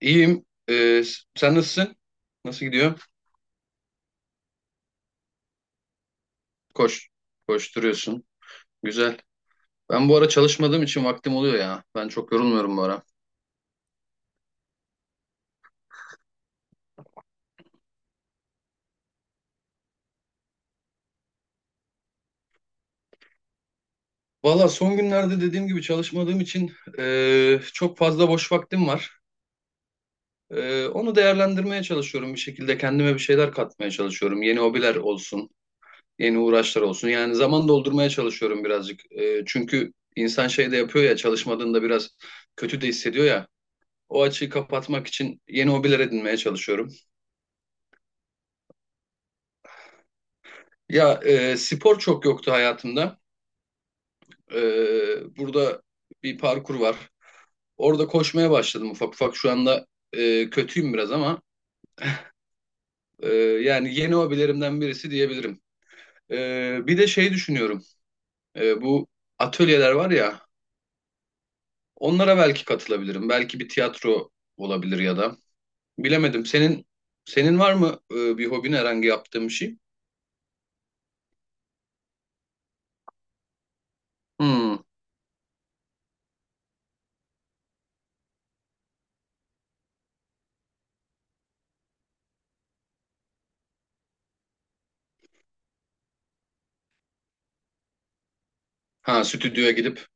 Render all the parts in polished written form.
İyiyim. Sen nasılsın? Nasıl gidiyor? Koş. Koşturuyorsun. Güzel. Ben bu ara çalışmadığım için vaktim oluyor ya. Ben çok yorulmuyorum bu ara. Valla son günlerde dediğim gibi çalışmadığım için çok fazla boş vaktim var. Onu değerlendirmeye çalışıyorum bir şekilde. Kendime bir şeyler katmaya çalışıyorum. Yeni hobiler olsun, yeni uğraşlar olsun. Yani zaman doldurmaya çalışıyorum birazcık. Çünkü insan şey de yapıyor ya, çalışmadığında biraz kötü de hissediyor ya. O açığı kapatmak için yeni hobiler edinmeye çalışıyorum. Ya spor çok yoktu hayatımda. Burada bir parkur var. Orada koşmaya başladım ufak ufak. Şu anda kötüyüm biraz ama yani yeni hobilerimden birisi diyebilirim. E, Bir de şey düşünüyorum. Bu atölyeler var ya onlara belki katılabilirim. Belki bir tiyatro olabilir ya da. Bilemedim. Senin var mı bir hobin herhangi yaptığın bir şey? Hmm. Ha stüdyoya gidip.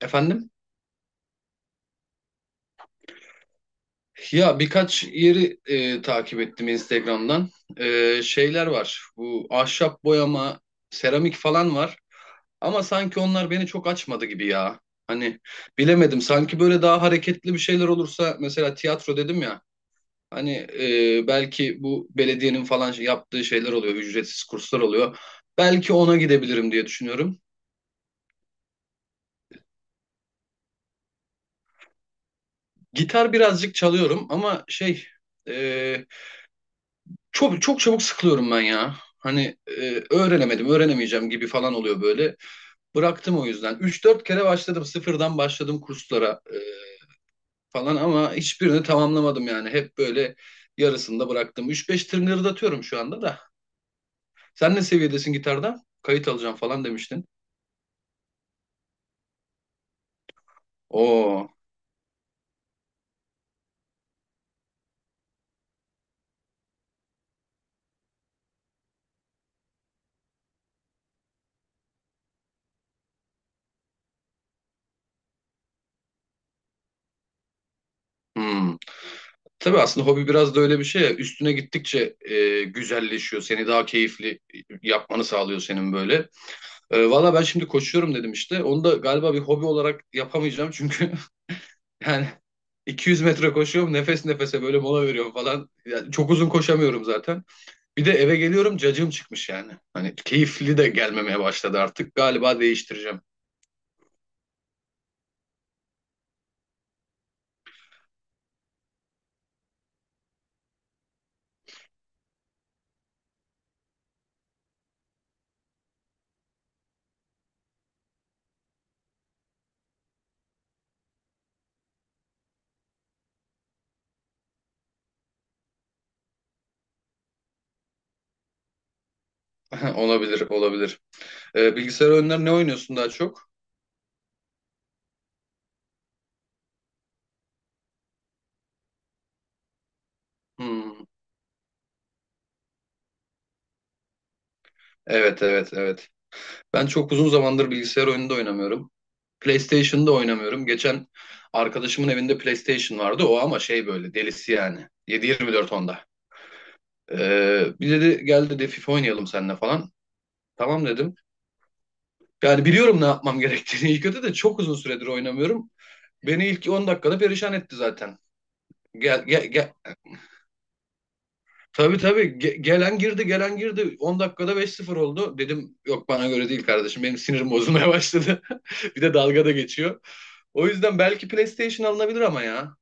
Efendim? Ya birkaç yeri takip ettim Instagram'dan. Şeyler var. Bu ahşap boyama, seramik falan var. Ama sanki onlar beni çok açmadı gibi ya. Hani bilemedim. Sanki böyle daha hareketli bir şeyler olursa mesela tiyatro dedim ya. Hani belki bu belediyenin falan yaptığı şeyler oluyor, ücretsiz kurslar oluyor. Belki ona gidebilirim diye düşünüyorum. Gitar birazcık çalıyorum ama şey e, çok çok çabuk sıkılıyorum ben ya. Hani öğrenemedim, öğrenemeyeceğim gibi falan oluyor böyle. Bıraktım o yüzden. Üç dört kere başladım, sıfırdan başladım kurslara falan ama hiçbirini tamamlamadım yani. Hep böyle yarısında bıraktım. Üç beş tırnırdatıyorum şu anda da. Sen ne seviyedesin gitarda? Kayıt alacağım falan demiştin. Oo. Hmm. Tabii aslında hobi biraz da öyle bir şey ya. Üstüne gittikçe güzelleşiyor. Seni daha keyifli yapmanı sağlıyor senin böyle. Valla ben şimdi koşuyorum dedim işte. Onu da galiba bir hobi olarak yapamayacağım çünkü yani 200 metre koşuyorum nefes nefese böyle mola veriyorum falan. Yani çok uzun koşamıyorum zaten. Bir de eve geliyorum cacığım çıkmış yani. Hani keyifli de gelmemeye başladı artık. Galiba değiştireceğim. Olabilir, olabilir. Bilgisayar oyunları ne oynuyorsun daha çok? Hmm, evet, evet, evet. Ben çok uzun zamandır bilgisayar oyunu da oynamıyorum. PlayStation'da oynamıyorum. Geçen arkadaşımın evinde PlayStation vardı. O ama şey böyle delisi yani. 7-24 onda. Bir dedi gel dedi FIFA oynayalım seninle falan. Tamam dedim. Yani biliyorum ne yapmam gerektiğini iyi kötü de çok uzun süredir oynamıyorum. Beni ilk 10 dakikada perişan etti zaten. Gel gel gel. Tabii tabii gelen girdi gelen girdi 10 dakikada 5-0 oldu. Dedim yok bana göre değil kardeşim benim sinirim bozulmaya başladı. Bir de dalga da geçiyor. O yüzden belki PlayStation alınabilir ama ya.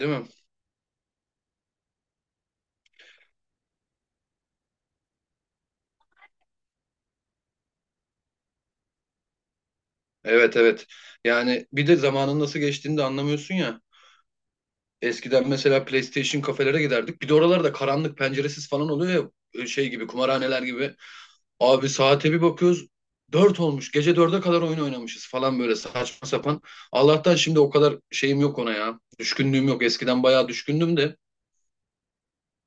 Değil mi? Evet evet. Yani bir de zamanın nasıl geçtiğini de anlamıyorsun ya. Eskiden mesela PlayStation kafelere giderdik. Bir de oralarda karanlık penceresiz falan oluyor ya şey gibi kumarhaneler gibi. Abi saate bir bakıyoruz. Dört olmuş. Gece dörde kadar oyun oynamışız falan böyle saçma sapan. Allah'tan şimdi o kadar şeyim yok ona ya. Düşkünlüğüm yok. Eskiden bayağı düşkündüm de.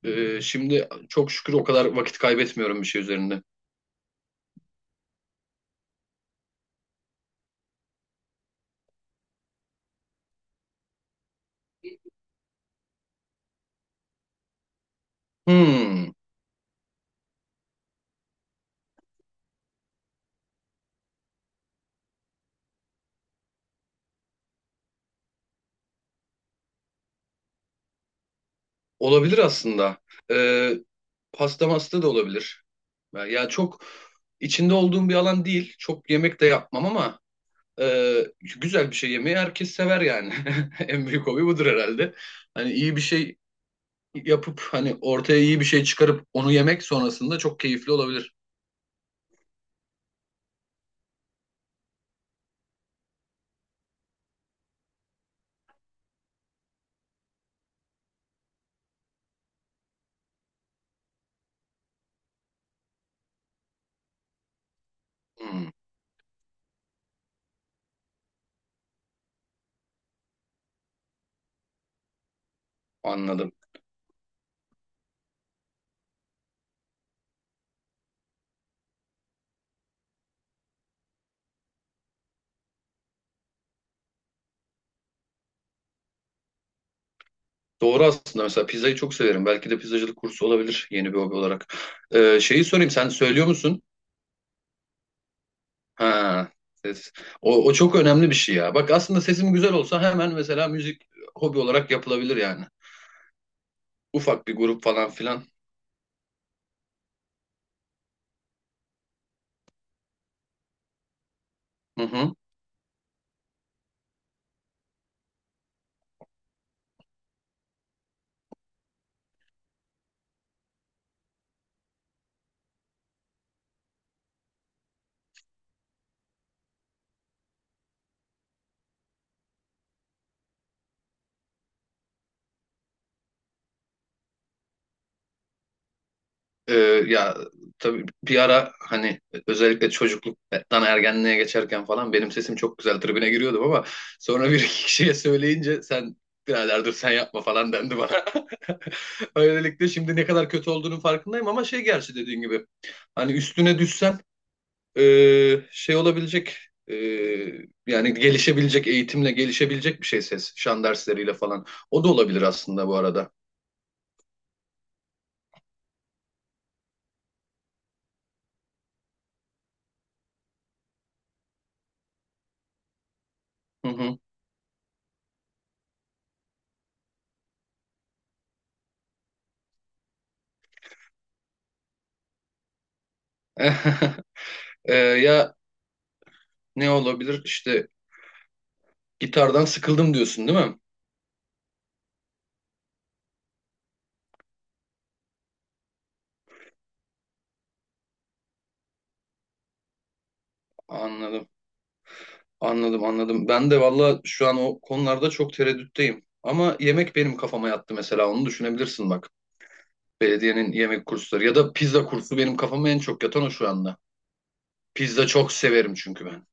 Şimdi çok şükür o kadar vakit kaybetmiyorum bir şey üzerinde. Hmm, olabilir aslında. Ee, Pasta masta da olabilir. Ya çok içinde olduğum bir alan değil. Çok yemek de yapmam ama e, güzel bir şey yemeyi herkes sever yani. En büyük hobi budur herhalde. Hani iyi bir şey yapıp hani ortaya iyi bir şey çıkarıp onu yemek sonrasında çok keyifli olabilir. Hmm, anladım. Doğru aslında mesela pizzayı çok severim. Belki de pizzacılık kursu olabilir yeni bir hobi olarak. Şeyi sorayım sen söylüyor musun? Ha, ses. O, o çok önemli bir şey ya. Bak aslında sesim güzel olsa hemen mesela müzik hobi olarak yapılabilir yani. Ufak bir grup falan filan. Hı hı. Ee, Ya tabii bir ara hani özellikle çocukluktan ergenliğe geçerken falan benim sesim çok güzel tribüne giriyordum ama sonra bir iki kişiye söyleyince sen birader dur sen yapma falan dendi bana. Öylelikle şimdi ne kadar kötü olduğunun farkındayım ama şey gerçi dediğin gibi hani üstüne düşsen e, şey olabilecek e, yani gelişebilecek eğitimle gelişebilecek bir şey ses şan dersleriyle falan. O da olabilir aslında bu arada. Hı hı. Ya ne olabilir işte gitardan sıkıldım diyorsun değil mi? Anladım. Anladım anladım. Ben de valla şu an o konularda çok tereddütteyim. Ama yemek benim kafama yattı mesela onu düşünebilirsin bak. Belediyenin yemek kursları ya da pizza kursu benim kafama en çok yatan o şu anda. Pizza çok severim çünkü ben.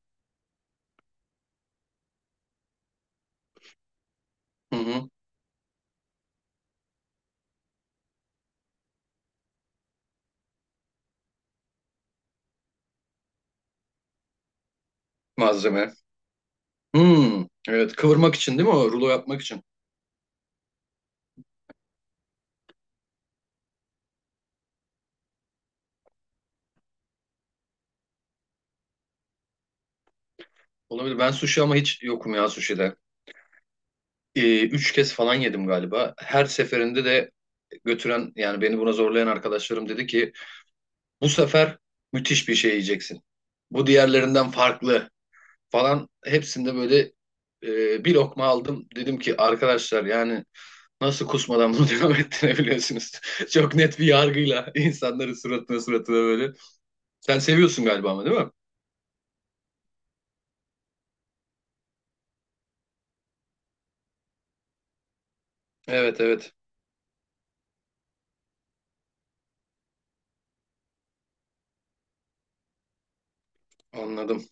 Hı hı. Malzeme. Hmm, evet kıvırmak için değil mi o? Rulo yapmak için. Olabilir. Ben sushi ama hiç yokum ya sushi'de. Üç kez falan yedim galiba. Her seferinde de götüren yani beni buna zorlayan arkadaşlarım dedi ki bu sefer müthiş bir şey yiyeceksin. Bu diğerlerinden farklı falan. Hepsinde böyle bir lokma aldım. Dedim ki arkadaşlar yani nasıl kusmadan bunu devam ettirebiliyorsunuz? Çok net bir yargıyla insanların suratına suratına böyle. Sen seviyorsun galiba ama değil mi? Evet evet anladım.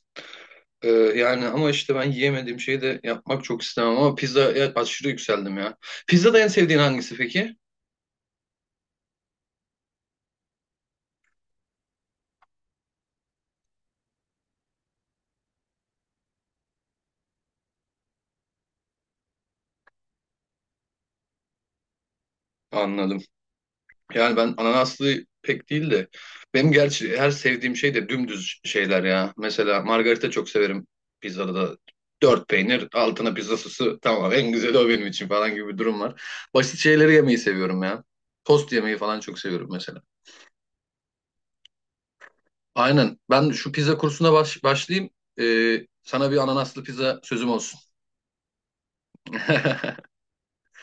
Yani ama işte ben yiyemediğim şeyi de yapmak çok istemem ama pizzaya aşırı yükseldim ya. Pizzada en sevdiğin hangisi peki? Anladım. Yani ben ananaslı pek değil de benim gerçi her sevdiğim şey de dümdüz şeyler ya. Mesela margarita çok severim pizzada da. Dört peynir, altına pizza sosu tamam en güzeli o benim için falan gibi bir durum var. Basit şeyleri yemeyi seviyorum ya. Tost yemeyi falan çok seviyorum mesela. Aynen. Ben şu pizza kursuna başlayayım. Sana bir ananaslı pizza sözüm olsun.